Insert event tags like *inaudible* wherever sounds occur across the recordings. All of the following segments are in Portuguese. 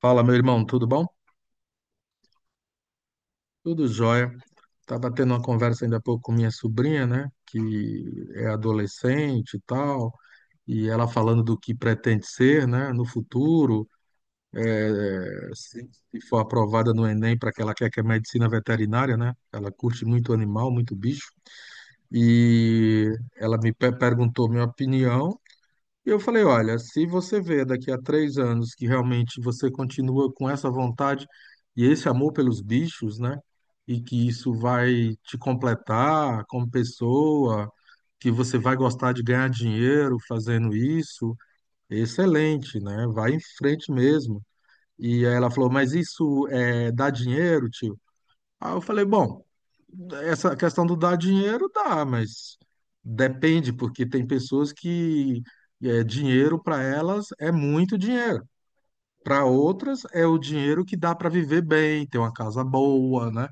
Fala, meu irmão, tudo bom? Tudo jóia. Tava tendo uma conversa ainda há pouco com minha sobrinha, né, que é adolescente e tal, e ela falando do que pretende ser, né, no futuro, eh, se se for aprovada no Enem para que ela quer que é medicina veterinária, né? Ela curte muito animal, muito bicho. E ela me perguntou minha opinião. E eu falei, olha, se você vê daqui a 3 anos que realmente você continua com essa vontade e esse amor pelos bichos, né? E que isso vai te completar como pessoa, que você vai gostar de ganhar dinheiro fazendo isso, excelente, né? Vai em frente mesmo. E aí ela falou, mas isso dá dinheiro, tio? Aí eu falei, bom. Essa questão do dar dinheiro dá, mas depende, porque tem pessoas que dinheiro para elas é muito dinheiro. Para outras é o dinheiro que dá para viver bem, ter uma casa boa, né?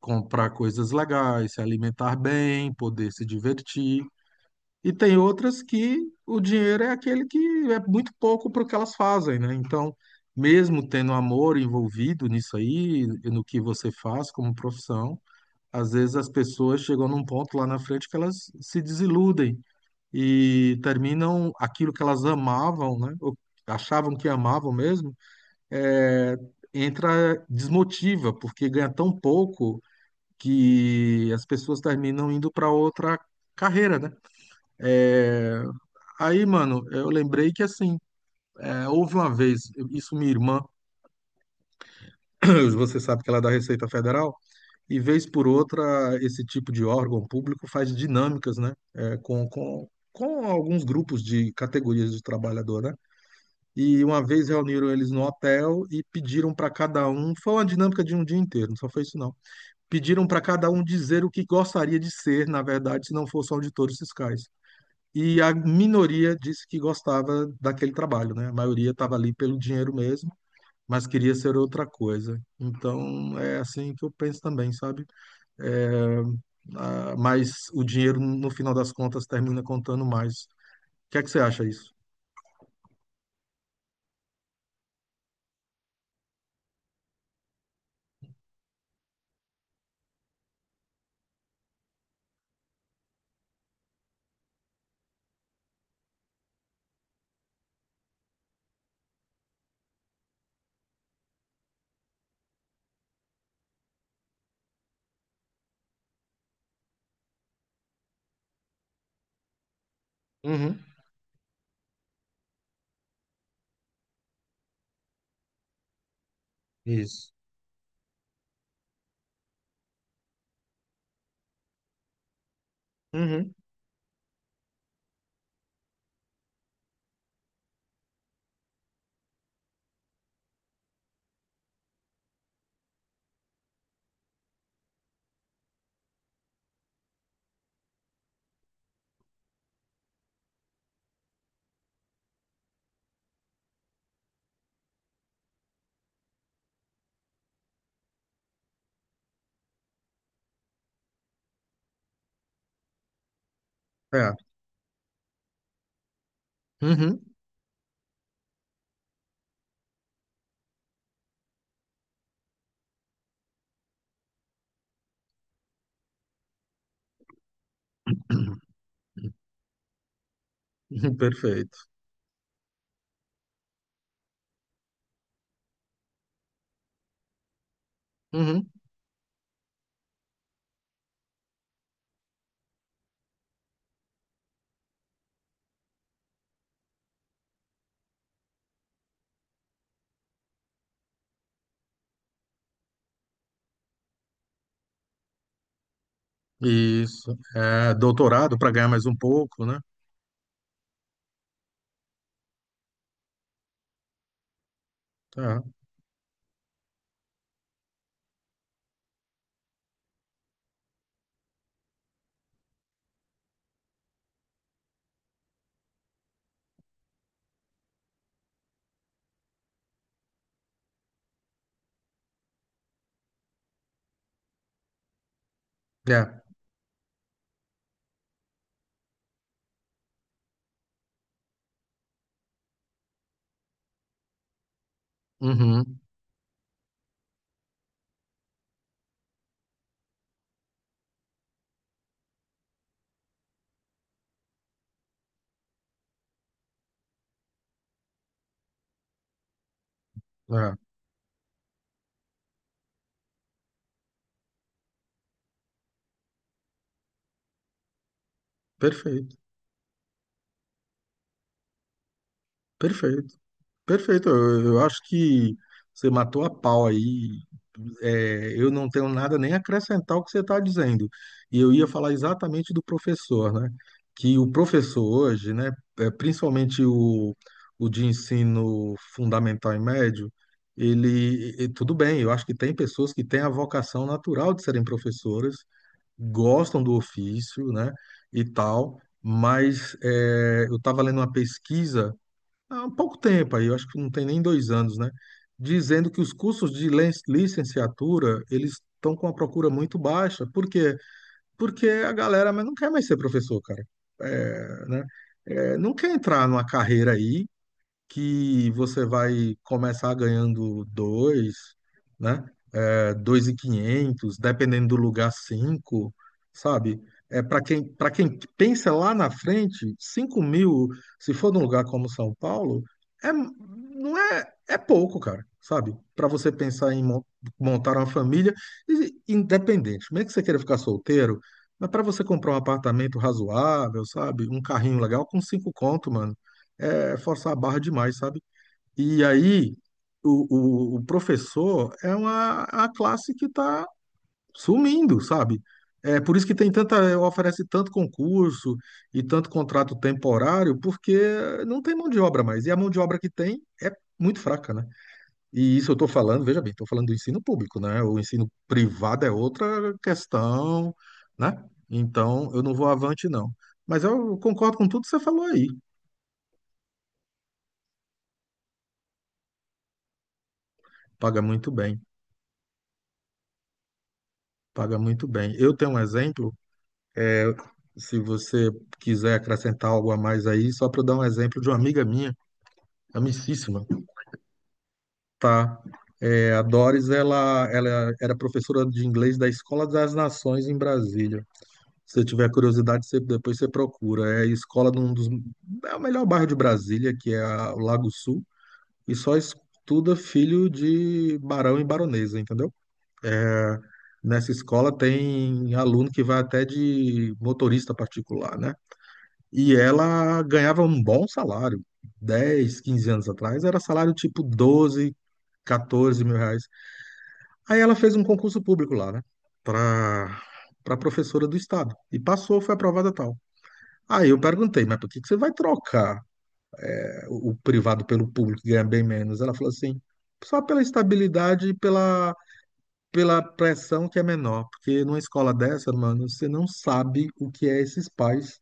Comprar coisas legais, se alimentar bem, poder se divertir. E tem outras que o dinheiro é aquele que é muito pouco para o que elas fazem, né? Então, mesmo tendo amor envolvido nisso aí, no que você faz como profissão, às vezes as pessoas chegam num ponto lá na frente que elas se desiludem e terminam aquilo que elas amavam, né? Ou achavam que amavam mesmo, é, entra desmotiva, porque ganha tão pouco que as pessoas terminam indo para outra carreira, né? É, Aí, mano, eu lembrei que assim, houve uma vez, isso minha irmã, *clears throat* você sabe que ela é da Receita Federal. E vez por outra, esse tipo de órgão público faz dinâmicas, né? Com alguns grupos de categorias de trabalhador, né? E uma vez reuniram eles no hotel e pediram para cada um, foi uma dinâmica de um dia inteiro, não só foi isso não. Pediram para cada um dizer o que gostaria de ser, na verdade, se não fosse auditores fiscais. E a minoria disse que gostava daquele trabalho, né? A maioria estava ali pelo dinheiro mesmo, mas queria ser outra coisa. Então, é assim que eu penso também, sabe? É, ah, mas o dinheiro, no final das contas, termina contando mais. O que é que você acha disso? Uhum. Isso. Uhum. É. Uhum. *laughs* *clears throat* Perfeito. Uhum. Isso. É, doutorado para ganhar mais um pouco, né? Tá. É. Uhum. É. Perfeito. Perfeito. Perfeito. Eu acho que você matou a pau aí, eu não tenho nada nem a acrescentar ao que você está dizendo. E eu ia falar exatamente do professor, né? Que o professor hoje, né, principalmente o, de ensino fundamental e médio, tudo bem, eu acho que tem pessoas que têm a vocação natural de serem professoras, gostam do ofício, né, e tal, mas eu estava lendo uma pesquisa há um pouco tempo aí, eu acho que não tem nem 2 anos, né? Dizendo que os cursos de licenciatura, eles estão com a procura muito baixa. Por quê? Porque a galera mas não quer mais ser professor, cara. É, né? Não quer entrar numa carreira aí que você vai começar ganhando dois, né? 2.500, dependendo do lugar, 5, sabe? Para quem, para quem pensa lá na frente, 5.000, se for num lugar como São Paulo, não é, é pouco, cara, sabe? Para você pensar em montar uma família, independente, mesmo que você queira ficar solteiro, mas para você comprar um apartamento razoável, sabe? Um carrinho legal com 5 conto, mano, é forçar a barra demais, sabe? E aí, o professor é uma a classe que está sumindo, sabe? É por isso que tem tanta, oferece tanto concurso e tanto contrato temporário, porque não tem mão de obra mais. E a mão de obra que tem é muito fraca, né? E isso eu estou falando, veja bem, estou falando do ensino público, né? O ensino privado é outra questão, né? Então, eu não vou avante, não. Mas eu concordo com tudo que você falou aí. Paga muito bem, paga muito bem. Eu tenho um exemplo. Se você quiser acrescentar algo a mais aí, só para dar um exemplo de uma amiga minha, amicíssima, tá? A Doris, ela era professora de inglês da Escola das Nações em Brasília. Se você tiver curiosidade, depois você procura. É a escola de um dos, é o melhor bairro de Brasília, que é o Lago Sul, e só estuda filho de barão e baronesa, entendeu? Nessa escola tem aluno que vai até de motorista particular, né? E ela ganhava um bom salário. 10, 15 anos atrás, era salário tipo 12, 14 mil reais. Aí ela fez um concurso público lá, né? Pra, pra professora do estado. E passou, foi aprovada tal. Aí eu perguntei, mas por que que você vai trocar o privado pelo público que ganha bem menos? Ela falou assim, só pela estabilidade e pela, pressão que é menor. Porque numa escola dessa, mano, você não sabe o que é esses pais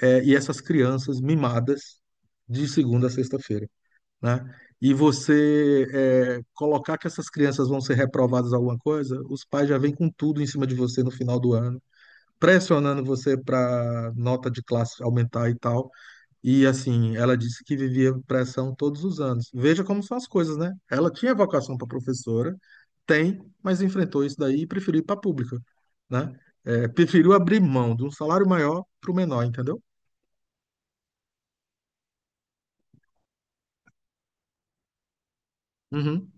e essas crianças mimadas de segunda a sexta-feira, né? E você colocar que essas crianças vão ser reprovadas em alguma coisa, os pais já vêm com tudo em cima de você no final do ano, pressionando você para nota de classe aumentar e tal. E assim, ela disse que vivia pressão todos os anos. Veja como são as coisas, né? Ela tinha vocação para professora, tem, mas enfrentou isso daí e preferiu ir para a pública, né? Preferiu abrir mão de um salário maior para o menor, entendeu? Uhum.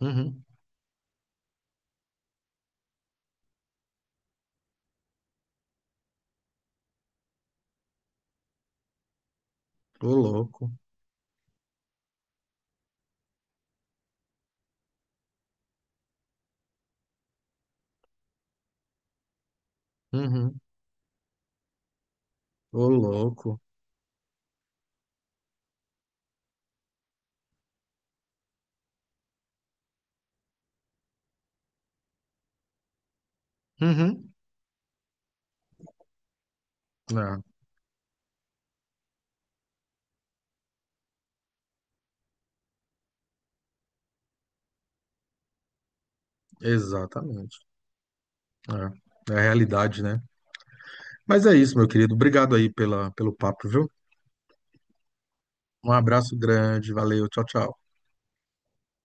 Uhum. Ô louco. Uhum. Ô louco. Uhum. É, exatamente. É. É a realidade, né? Mas é isso, meu querido. Obrigado aí pela, pelo papo, viu? Um abraço grande. Valeu. Tchau, tchau.